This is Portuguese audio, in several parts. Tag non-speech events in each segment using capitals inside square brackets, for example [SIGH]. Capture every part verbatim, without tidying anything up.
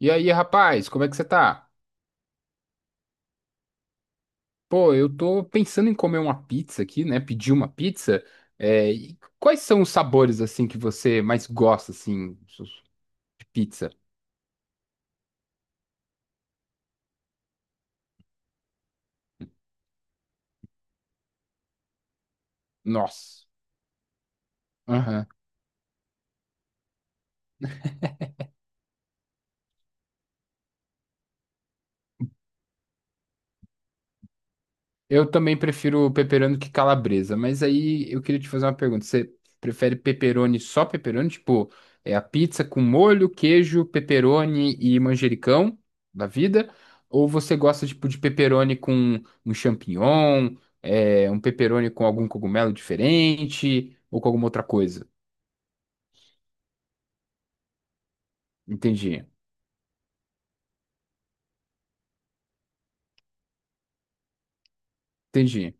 E aí, rapaz, como é que você tá? Pô, eu tô pensando em comer uma pizza aqui, né? Pedir uma pizza. É, e quais são os sabores, assim, que você mais gosta, assim, de pizza? Nossa. Eu também prefiro pepperoni que calabresa, mas aí eu queria te fazer uma pergunta. Você prefere pepperoni só pepperoni? Tipo, é a pizza com molho, queijo, pepperoni e manjericão da vida? Ou você gosta, tipo, de pepperoni com um champignon, é, um pepperoni com algum cogumelo diferente ou com alguma outra coisa? Entendi, entendi.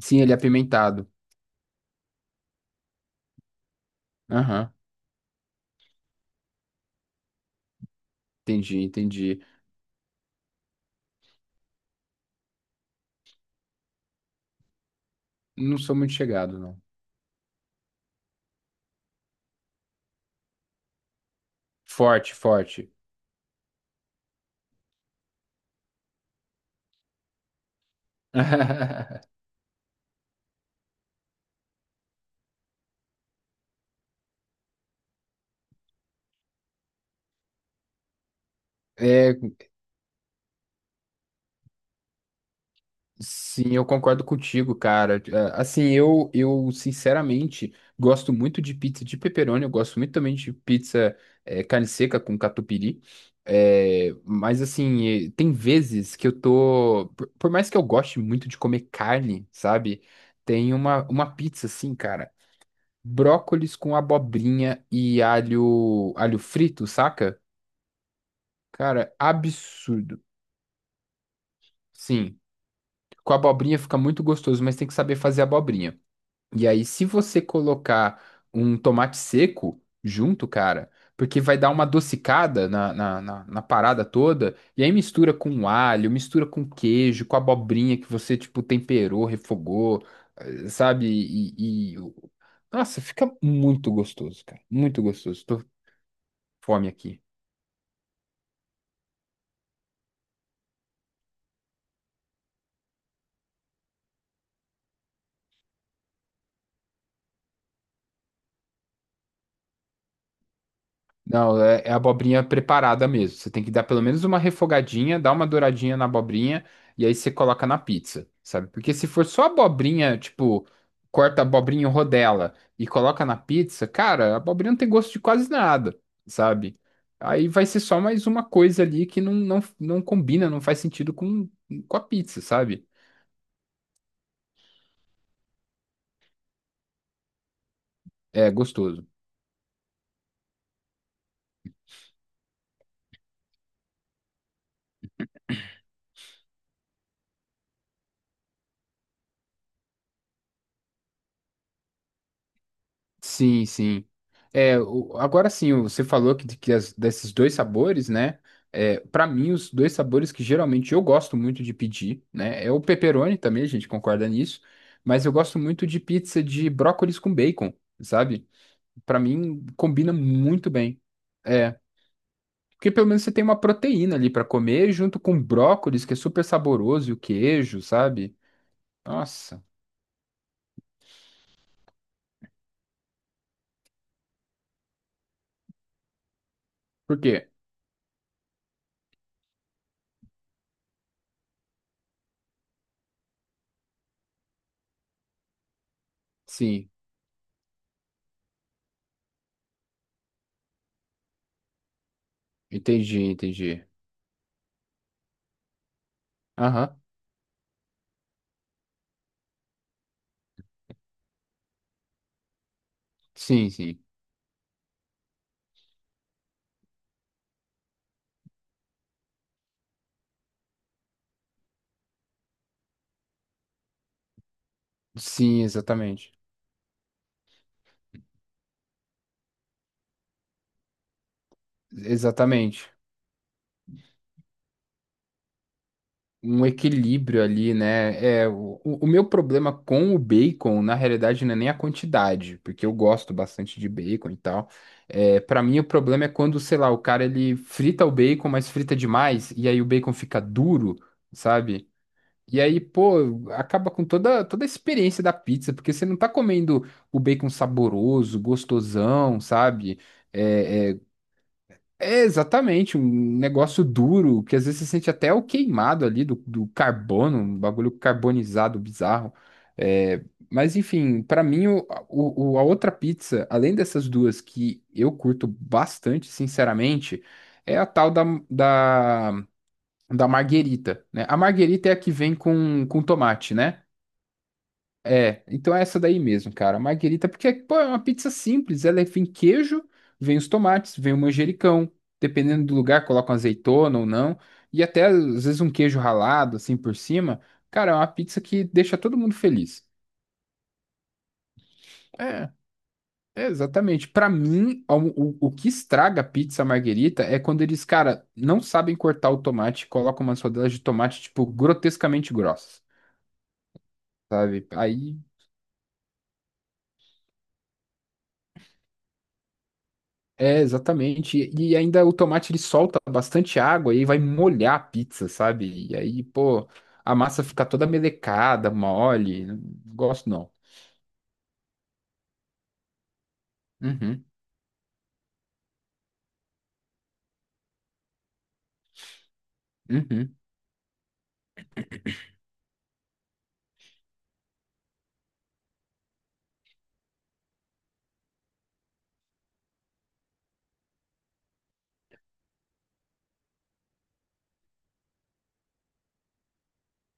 Sim, ele é apimentado. Aham, entendi, entendi. Não sou muito chegado, não. Forte, forte. [LAUGHS] É, sim, eu concordo contigo, cara. É, assim, eu, eu sinceramente gosto muito de pizza de pepperoni, eu gosto muito também de pizza é, carne seca com catupiry. É, mas assim, eh, tem vezes que eu tô. Por, por mais que eu goste muito de comer carne, sabe? Tem uma, uma pizza assim, cara. Brócolis com abobrinha e alho, alho frito, saca? Cara, absurdo. Sim. Com abobrinha fica muito gostoso, mas tem que saber fazer abobrinha. E aí, se você colocar um tomate seco junto, cara, porque vai dar uma adocicada na, na, na, na parada toda, e aí mistura com alho, mistura com queijo, com abobrinha que você, tipo, temperou, refogou, eh, sabe? E, e- Nossa, fica muito gostoso, cara. Muito gostoso. Tô com fome aqui. Não, é, é abobrinha preparada mesmo. Você tem que dar pelo menos uma refogadinha, dar uma douradinha na abobrinha e aí você coloca na pizza, sabe? Porque se for só abobrinha, tipo, corta a abobrinha em rodela e coloca na pizza, cara, a abobrinha não tem gosto de quase nada, sabe? Aí vai ser só mais uma coisa ali que não, não, não combina, não faz sentido com, com a pizza, sabe? É gostoso. Sim, sim. É, o- agora sim, você falou que, que as- desses dois sabores, né? É, para mim, os dois sabores que geralmente eu gosto muito de pedir, né? É o pepperoni também, a gente concorda nisso. Mas eu gosto muito de pizza de brócolis com bacon, sabe? Pra mim, combina muito bem. É, porque pelo menos você tem uma proteína ali pra comer, junto com brócolis, que é super saboroso, e o queijo, sabe? Nossa. Por quê? Sim, entendi, entendi. Aham, sim, sim. Sim, exatamente. Exatamente. Um equilíbrio ali, né? É, o, o o meu problema com o bacon, na realidade, não é nem a quantidade, porque eu gosto bastante de bacon e tal. É, para mim, o problema é quando, sei lá, o cara ele frita o bacon, mas frita demais, e aí o bacon fica duro, sabe? E aí, pô, acaba com toda, toda a experiência da pizza, porque você não tá comendo o bacon saboroso, gostosão, sabe? É, é exatamente um negócio duro, que às vezes você sente até o queimado ali do, do carbono, um bagulho carbonizado bizarro. É, mas enfim, pra mim, o, o- o- a outra pizza, além dessas duas que eu curto bastante, sinceramente, é a tal da, da, da marguerita, né? A marguerita é a que vem com, com tomate, né? É, então é essa daí mesmo, cara. Marguerita, porque, pô, é uma pizza simples. Ela é, vem queijo, vem os tomates, vem o manjericão. Dependendo do lugar, colocam azeitona ou não. E até, às vezes, um queijo ralado, assim, por cima. Cara, é uma pizza que deixa todo mundo feliz. É, é exatamente. Pra mim, o, o, o que estraga a pizza Marguerita é quando eles, cara, não sabem cortar o tomate e colocam umas rodelas de tomate, tipo, grotescamente grossas. Sabe? Aí é, exatamente. E ainda o tomate ele solta bastante água e aí vai molhar a pizza, sabe? E aí, pô, a massa fica toda melecada, mole. Não gosto não. Uhum, uhum,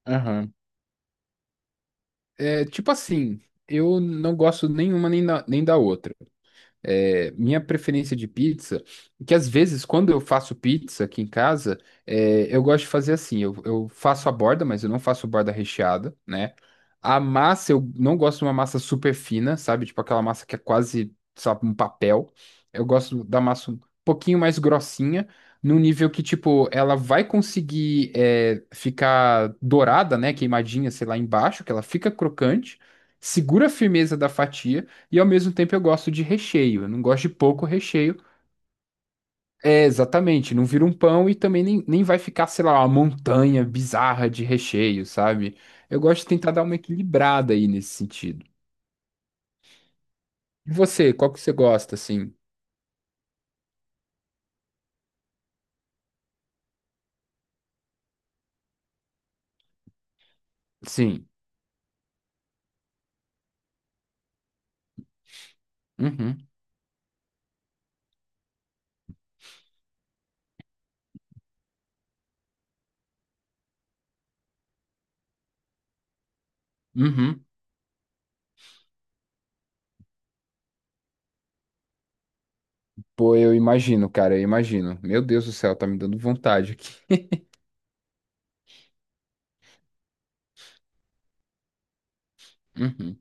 aham. É, tipo assim, eu não gosto nenhuma nem da, nem da outra. É, minha preferência de pizza, que às vezes quando eu faço pizza aqui em casa, é, eu gosto de fazer assim, eu, eu faço a borda, mas eu não faço borda recheada, né? A massa, eu não gosto de uma massa super fina, sabe? Tipo aquela massa que é quase, sabe, um papel. Eu gosto da massa um pouquinho mais grossinha, num nível que, tipo, ela vai conseguir é, ficar dourada, né? Queimadinha, sei lá, embaixo, que ela fica crocante, segura a firmeza da fatia, e ao mesmo tempo eu gosto de recheio. Eu não gosto de pouco recheio. É, exatamente. Não vira um pão e também nem, nem vai ficar, sei lá, uma montanha bizarra de recheio, sabe? Eu gosto de tentar dar uma equilibrada aí nesse sentido. E você, qual que você gosta, assim? Sim. Uhum. Uhum. Pô, eu imagino, cara, eu imagino. Meu Deus do céu, tá me dando vontade aqui. Uhum.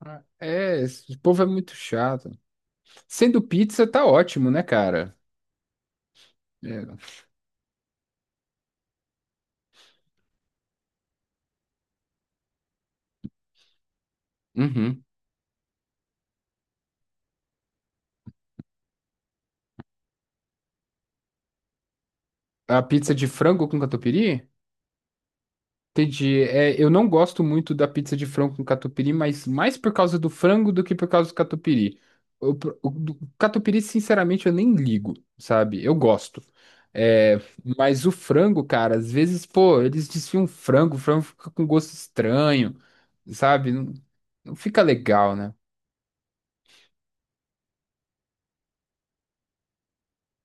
Ah, é, esse povo é muito chato. Sendo pizza, tá ótimo, né, cara? É. Uhum. A pizza de frango com catupiry? Entendi. É, eu não gosto muito da pizza de frango com catupiry, mas mais por causa do frango do que por causa do catupiry. O, pr- o do catupiry, sinceramente, eu nem ligo, sabe? Eu gosto. É, mas o frango, cara, às vezes, pô, eles desfiam frango, o frango fica com gosto estranho, sabe? Não, não fica legal, né?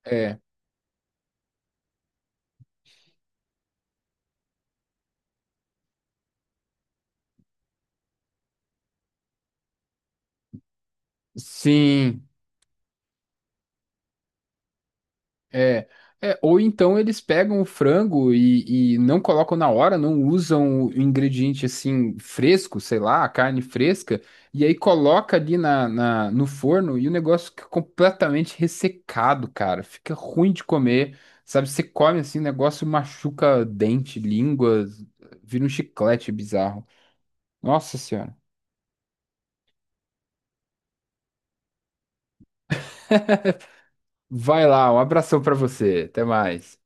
É, sim. É, é, ou então eles pegam o frango e, e não colocam na hora, não usam o ingrediente assim fresco, sei lá, a carne fresca, e aí coloca ali na, na- no forno e o negócio fica completamente ressecado, cara. Fica ruim de comer, sabe? Você come assim, o negócio machuca dente, língua, vira um chiclete bizarro. Nossa Senhora. Vai lá, um abração pra você. Até mais.